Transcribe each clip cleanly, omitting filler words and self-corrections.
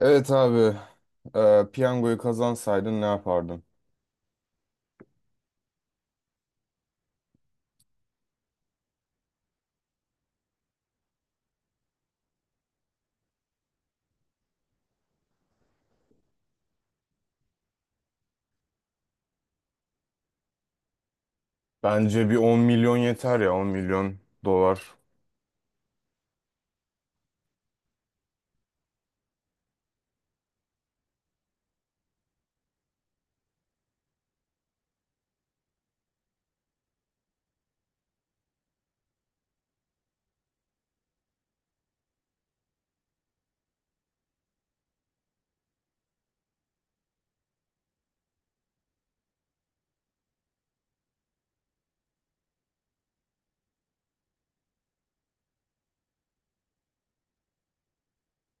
Evet abi. Piyangoyu kazansaydın ne yapardın? Bence bir 10 milyon yeter ya 10 milyon dolar.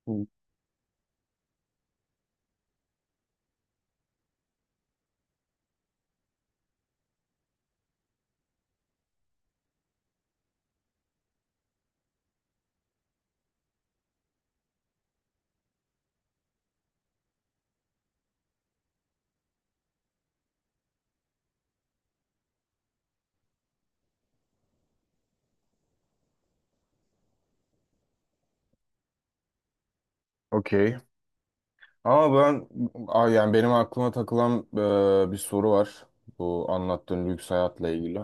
Hı. Okey. Ama ben... yani benim aklıma takılan bir soru var. Bu anlattığın lüks hayatla ilgili.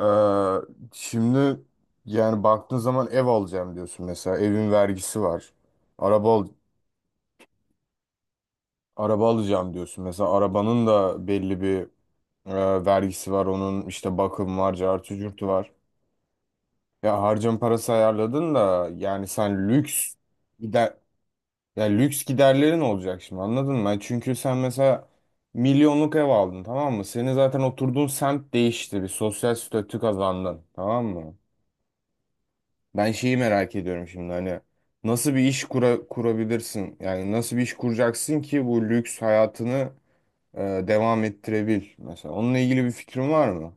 Ee, şimdi yani baktığın zaman ev alacağım diyorsun mesela. Evin vergisi var. Araba al araba alacağım diyorsun mesela. Arabanın da belli bir e, vergisi var. Onun işte bakım var, cartı curtu var. Ya harcama parası ayarladın da yani sen lüks gider ya lüks giderlerin olacak şimdi, anladın mı? Yani çünkü sen mesela milyonluk ev aldın, tamam mı? Senin zaten oturduğun semt değişti, bir sosyal statü kazandın, tamam mı? Ben şeyi merak ediyorum şimdi, hani nasıl kurabilirsin? Yani nasıl bir iş kuracaksın ki bu lüks hayatını e, devam ettirebil mesela? Onunla ilgili bir fikrin var mı?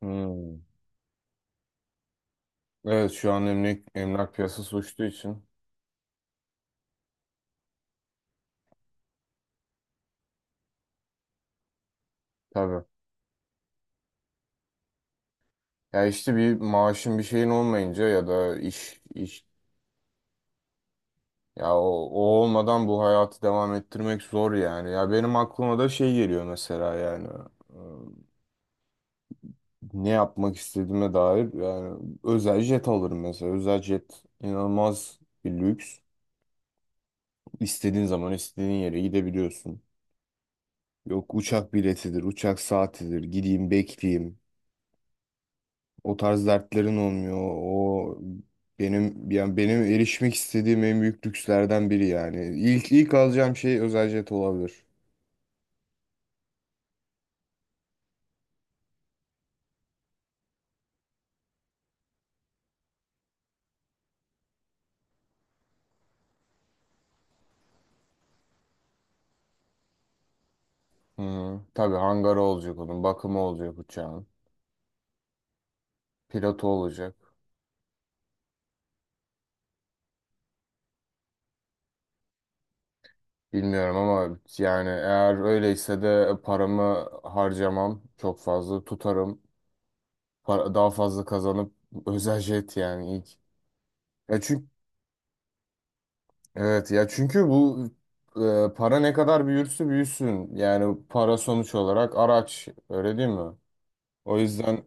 Hmm. Evet, şu an emlak piyasası uçtuğu için tabii. Ya işte bir maaşın bir şeyin olmayınca ya da iş ya o, o olmadan bu hayatı devam ettirmek zor yani. Ya benim aklıma da şey geliyor mesela, yani e, ne yapmak istediğime dair, yani özel jet alırım mesela. Özel jet inanılmaz bir lüks. İstediğin zaman istediğin yere gidebiliyorsun. Yok uçak biletidir, uçak saatidir. Gideyim bekleyeyim. O tarz dertlerin olmuyor. O benim, yani benim erişmek istediğim en büyük lükslerden biri yani. İlk alacağım şey özel jet olabilir. Hı hı. Tabii hangarı olacak onun, bakımı olacak uçağın, pilotu olacak. Bilmiyorum ama yani eğer öyleyse de paramı harcamam, çok fazla tutarım. Para, daha fazla kazanıp özel jet yani ilk. Ya çünkü... Evet ya çünkü bu para ne kadar büyürse büyüsün, yani para sonuç olarak araç, öyle değil mi? O yüzden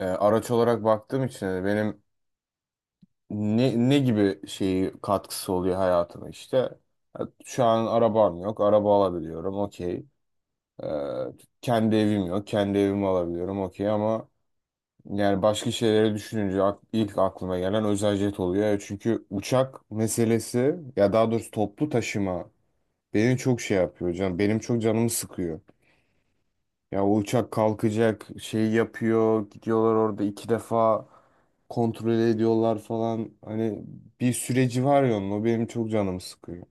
araç olarak baktığım için hani benim ne gibi şeyi katkısı oluyor hayatıma işte. Şu an arabam yok, araba alabiliyorum, okey. E, kendi evim yok, kendi evimi alabiliyorum, okey ama yani başka şeyleri düşününce ilk aklıma gelen özel jet oluyor. Çünkü uçak meselesi, ya daha doğrusu toplu taşıma benim çok şey yapıyor hocam. Benim çok canımı sıkıyor. Ya o uçak kalkacak şey yapıyor. Gidiyorlar orada 2 defa kontrol ediyorlar falan. Hani bir süreci var ya onun. O benim çok canımı sıkıyor.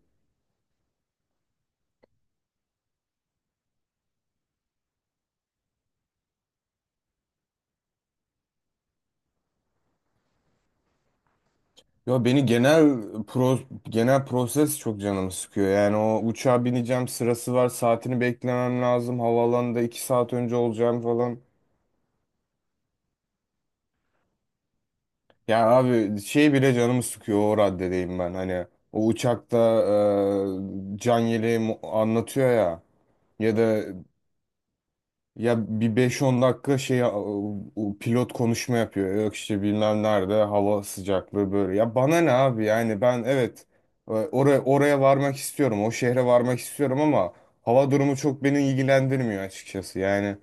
Ya beni pro, genel proses çok canımı sıkıyor. Yani o uçağa bineceğim, sırası var. Saatini beklemem lazım. Havaalanında 2 saat önce olacağım falan. Ya abi şey bile canımı sıkıyor, o raddedeyim ben, hani o uçakta can yeleği anlatıyor ya, ya da ya bir 5-10 dakika şey o pilot konuşma yapıyor, yok işte bilmem nerede hava sıcaklığı böyle, ya bana ne abi yani, ben evet oraya varmak istiyorum, o şehre varmak istiyorum ama hava durumu çok beni ilgilendirmiyor açıkçası yani,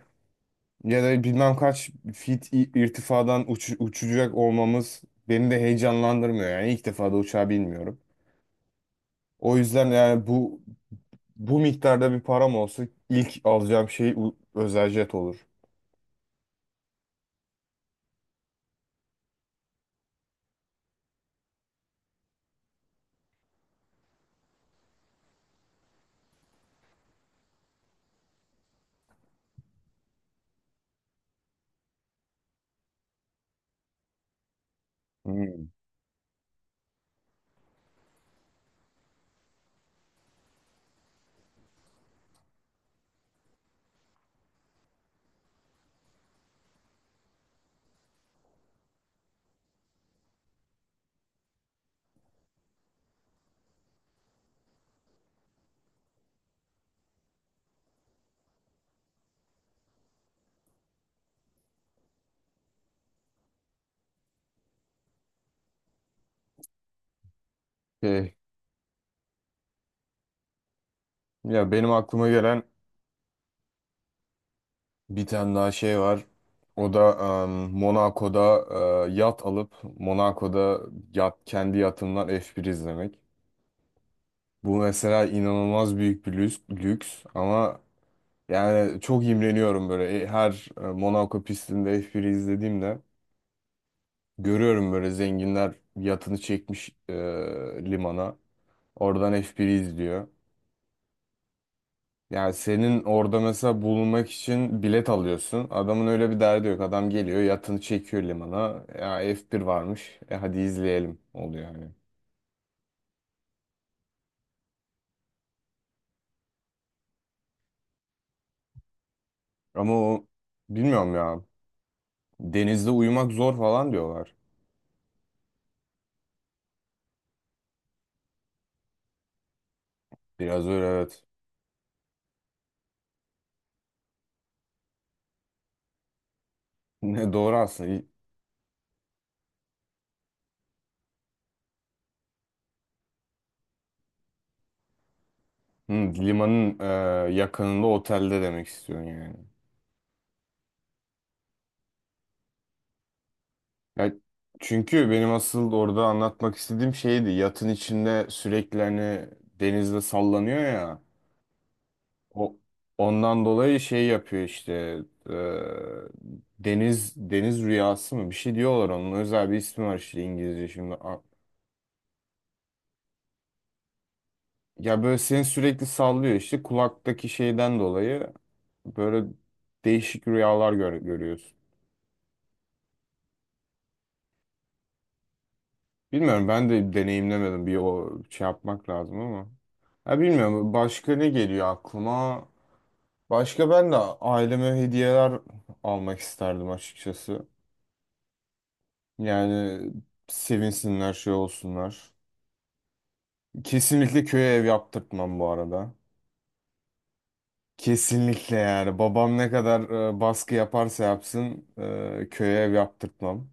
ya da bilmem kaç fit irtifadan uçacak olmamız beni de heyecanlandırmıyor. Yani ilk defa da uçağa binmiyorum. O yüzden yani bu bu miktarda bir param olsa ilk alacağım şey özel jet olur. Hmm. Şey, ya benim aklıma gelen bir tane daha şey var. O da Monaco'da yat alıp Monaco'da yat, kendi yatımdan F1 izlemek. Bu mesela inanılmaz büyük bir lüks ama... Yani çok imreniyorum böyle. Monaco pistinde F1'i izlediğimde görüyorum böyle zenginler yatını çekmiş limana. Oradan F1'i izliyor. Yani senin orada mesela bulunmak için bilet alıyorsun. Adamın öyle bir derdi yok. Adam geliyor, yatını çekiyor limana. Ya F1 varmış. E hadi izleyelim oluyor yani. Ama o bilmiyorum ya. Denizde uyumak zor falan diyorlar. Biraz öyle, evet. Ne doğru aslında. Hı, limanın yakınında otelde demek istiyorsun yani. Ya, çünkü benim asıl orada anlatmak istediğim şeydi. Yatın içinde sürekli hani denizde sallanıyor ya. O ondan dolayı şey yapıyor işte. e, deniz rüyası mı? Bir şey diyorlar onun. Özel bir ismi var işte İngilizce şimdi. Ya böyle seni sürekli sallıyor işte, kulaktaki şeyden dolayı böyle değişik rüyalar görüyorsun. Bilmiyorum, ben de deneyimlemedim, bir o şey yapmak lazım ama. Ha, bilmiyorum, başka ne geliyor aklıma? Başka ben de aileme hediyeler almak isterdim açıkçası. Yani sevinsinler, şey olsunlar. Kesinlikle köye ev yaptırtmam bu arada. Kesinlikle, yani babam ne kadar baskı yaparsa yapsın köye ev yaptırtmam.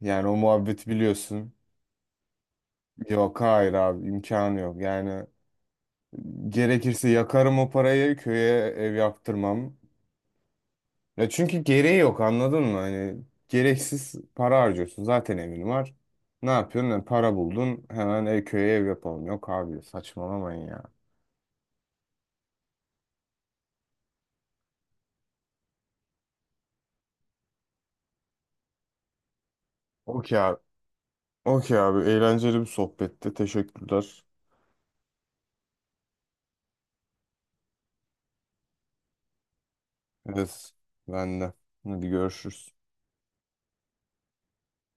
Yani o muhabbeti biliyorsun. Yok, hayır abi, imkanı yok yani. Gerekirse yakarım o parayı, köye ev yaptırmam. Ya çünkü gereği yok, anladın mı? Hani gereksiz para harcıyorsun, zaten evin var. Ne yapıyorsun? Yani para buldun hemen ev, köye ev yapalım. Yok abi, saçmalamayın ya. Okey abi. Okey abi, eğlenceli bir sohbetti. Teşekkürler. Evet, ben de. Hadi görüşürüz.